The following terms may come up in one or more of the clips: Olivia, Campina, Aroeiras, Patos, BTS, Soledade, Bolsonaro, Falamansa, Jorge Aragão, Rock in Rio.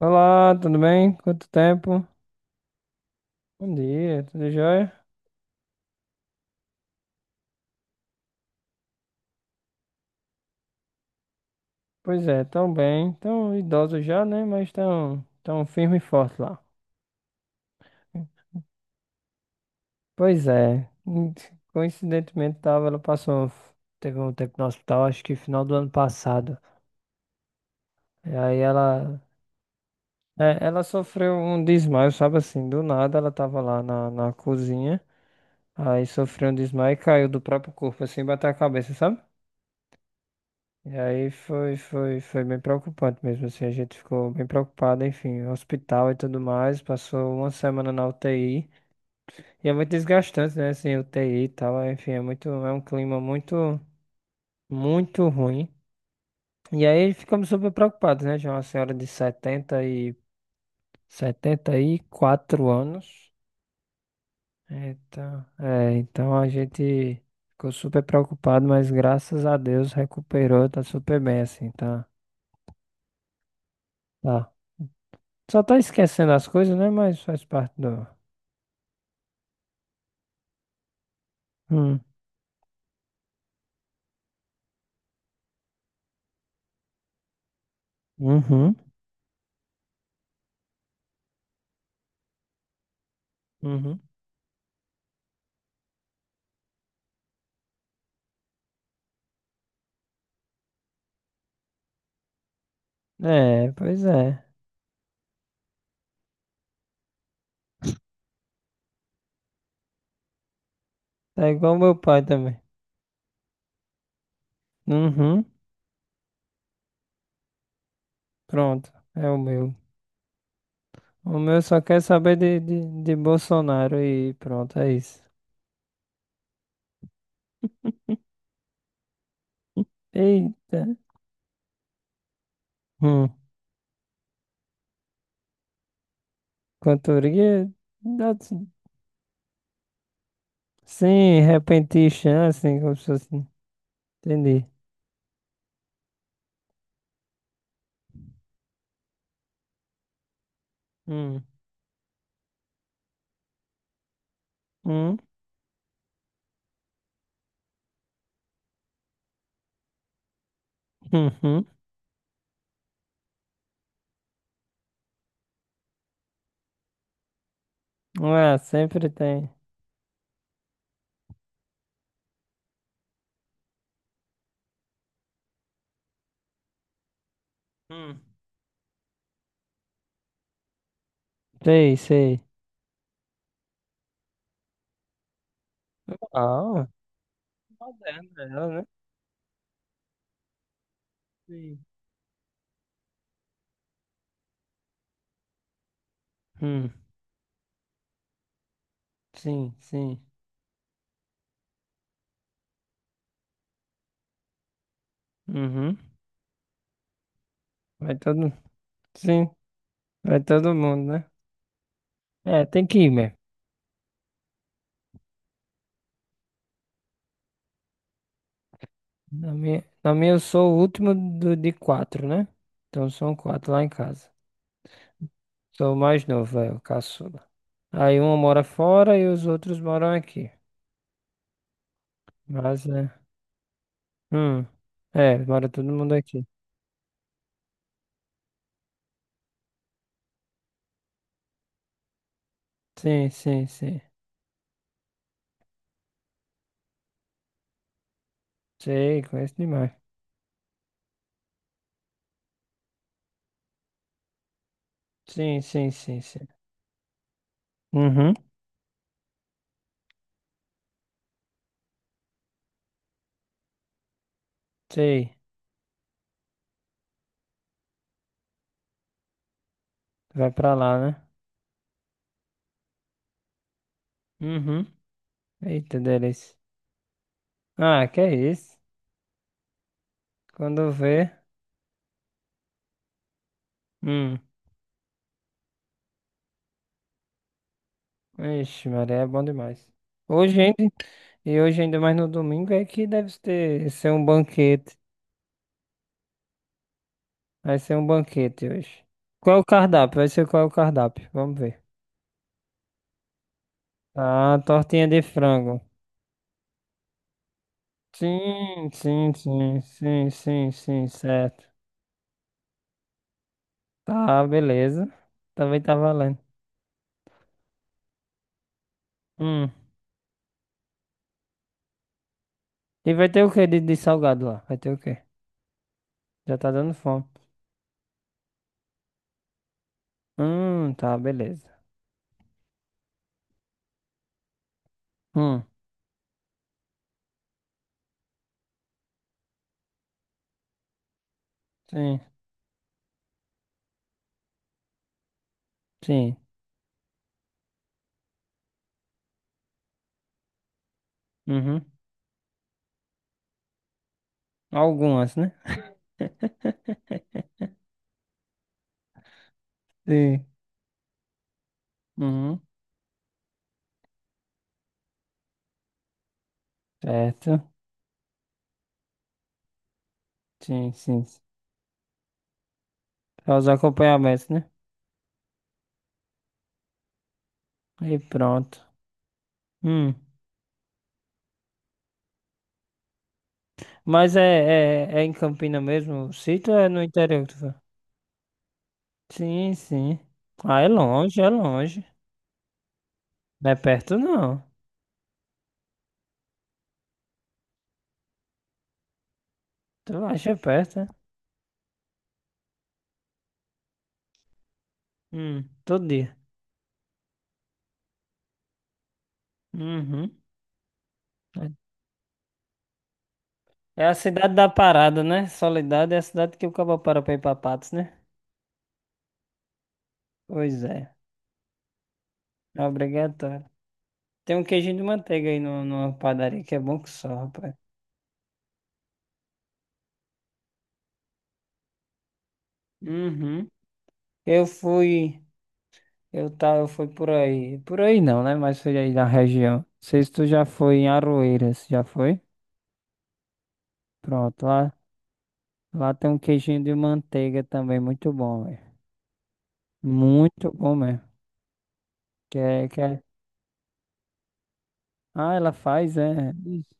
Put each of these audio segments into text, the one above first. Olá, tudo bem? Quanto tempo? Bom dia, tudo jóia? Pois é, tão bem, tão idosos já, né? Mas tão firme e forte lá. Pois é, coincidentemente tava, ela passou, teve um tempo no hospital, acho que final do ano passado. E aí ela sofreu um desmaio, sabe assim, do nada ela tava lá na cozinha, aí sofreu um desmaio e caiu do próprio corpo, assim, bateu a cabeça, sabe? E aí foi bem preocupante mesmo, assim, a gente ficou bem preocupado, enfim, hospital e tudo mais, passou uma semana na UTI, e é muito desgastante, né, assim, UTI e tal, é, enfim, é um clima muito, muito ruim. E aí ficamos super preocupados, né, tinha uma senhora de 74 anos, então, então a gente ficou super preocupado, mas graças a Deus recuperou, tá super bem, assim, tá, tá. Só tá esquecendo as coisas, né? Mas faz parte do. Hum. Uhum. Uhum. É, pois é. Tá igual meu pai também. Uhum. Pronto. É o meu. O meu só quer saber de Bolsonaro e pronto, é isso. Eita. Hum. Cantoria. dá- Sim, repentista, assim, como se fosse. Entendi. Hum. Hum. Uhum. Ah, sempre tem. Hum. Sei, sei. Uau. Moderna ela, né? Sim. Hum, sim, sim. Uhum. Vai todo, sim, vai todo mundo, né? É, tem que ir mesmo. Na minha eu sou o último de quatro, né? Então são quatro lá em casa. Sou o mais novo, é, o caçula. Aí um mora fora e os outros moram aqui. Mas é. Hum. É, mora todo mundo aqui. Sim, sim, sim. Sei, conheço demais. Sim, sim, sim, sim. Uhum. Sei. Vai pra lá, né? Uhum. Eita, delícia. Ah, que é isso? Quando vê. Hum. Ixi, Maria, é bom demais. Hoje ainda, e hoje ainda mais no domingo, ser um banquete. Vai ser um banquete hoje. Qual é o cardápio? Vai ser qual é o cardápio? Vamos ver. Ah, tortinha de frango. Sim, sim, sim, sim, sim, sim, certo. Tá, beleza. Também tá valendo. Hum. E vai ter o que de salgado lá? Vai ter o quê? Já tá dando fome. Tá, beleza. Hum, sim, sim. Uhum. Algumas, né? Sim. Uhum. Certo. Sim, sim. Só os acompanhamentos, né? E pronto. Hum. Mas é em Campina mesmo o sítio ou é no interior que tu vai? Sim, sim. Ah, é longe, é longe. Não é perto, não. Tu acha perto, é? Todo dia. Uhum. É a cidade da parada, né? Soledade é a cidade que o cabo para pra ir pra Patos, né? Pois é. É obrigatório. Tem um queijinho de manteiga aí no, numa padaria que é bom que só, rapaz. Uhum. Eu fui, eu fui por aí. Por aí não, né? Mas foi aí na região. Não sei se tu já foi em Aroeiras, já foi? Pronto, lá, lá tem um queijinho de manteiga também, muito bom, velho. Muito bom mesmo. Que é... Ah, ela faz, é. Isso.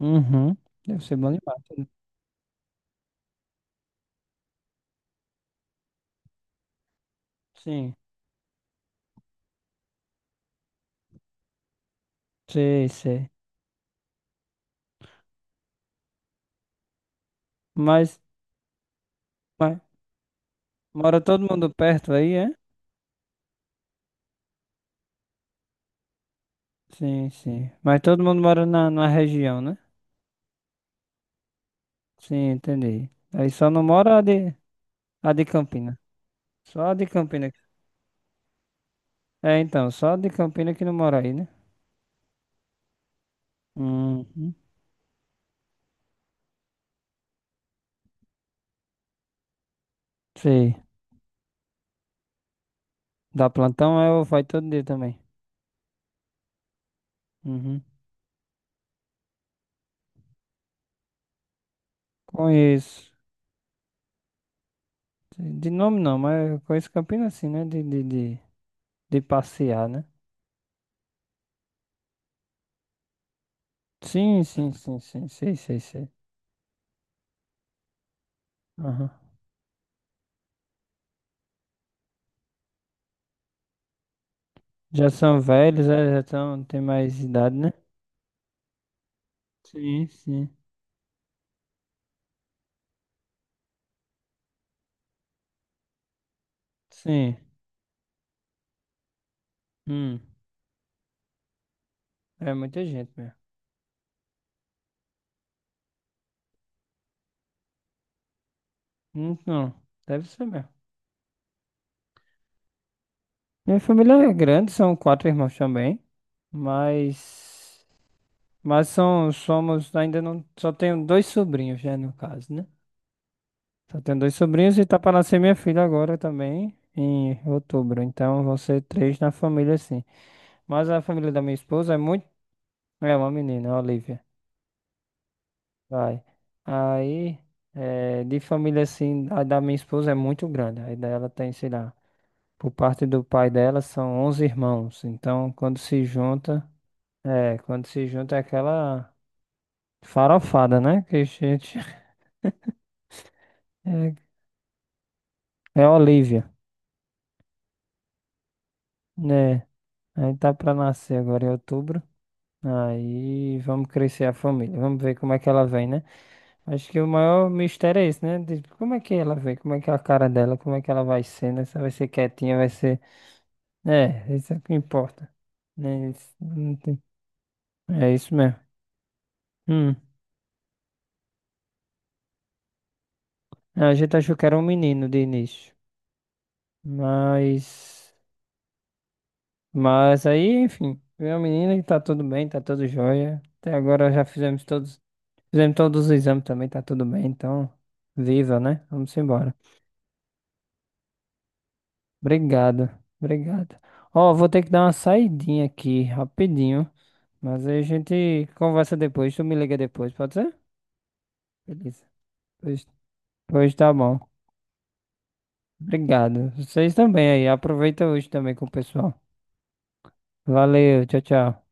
Uhum. Deve ser bom demais. Sim, sei, sei. Mas, mas mora todo mundo perto aí, é? Sim, sim. Mas todo mundo mora na região, né? Sim, entendi. Aí só não mora a de Campina. Só a de Campina. É, então, só a de Campina que não mora aí, né? Uhum. Sei. Dá plantão, eu vai todo dia também. Uhum. Conheço. De nome não, mas eu conheço Campina assim, né? De, de passear, né? Sim, sim, sim, sim. Sei, sei, sei. Aham. Já são velhos, é, já tão, tem mais idade, né? Sim, sim. Sim. Hum. É muita gente mesmo. Não, deve ser mesmo. Minha família é grande, são quatro irmãos também, mas mas são somos ainda não só tenho dois sobrinhos, já no caso, né? Só tenho dois sobrinhos e tá para nascer minha filha agora também em outubro, então vão ser três na família sim. Mas a família da minha esposa é muito é uma menina, a Olivia. Vai. Aí é, de família assim, a da minha esposa é muito grande. Aí dela tem, sei lá, por parte do pai dela são 11 irmãos. Então, quando se junta é aquela farofada, né? Que a gente é, é Olívia, né? Aí tá pra nascer agora em outubro. Aí vamos crescer a família. Vamos ver como é que ela vem, né? Acho que o maior mistério é esse, né? De como é que ela vem? Como é que é a cara dela? Como é que ela vai ser, né? Se ela vai ser quietinha, vai ser. É, isso é o que importa. Né? Isso não tem- É isso mesmo. Hum. A gente achou que era um menino de início, mas, mas aí, enfim, veio a menina e tá tudo bem, tá tudo jóia. Até agora já fizemos todos os exames também, tá tudo bem, então, viva, né? Vamos embora. Obrigado, obrigado. Ó, vou ter que dar uma saidinha aqui, rapidinho, mas aí a gente conversa depois, tu me liga depois, pode ser? Beleza. Pois, pois tá bom. Obrigado. Vocês também aí, aproveita hoje também com o pessoal. Valeu, tchau, tchau.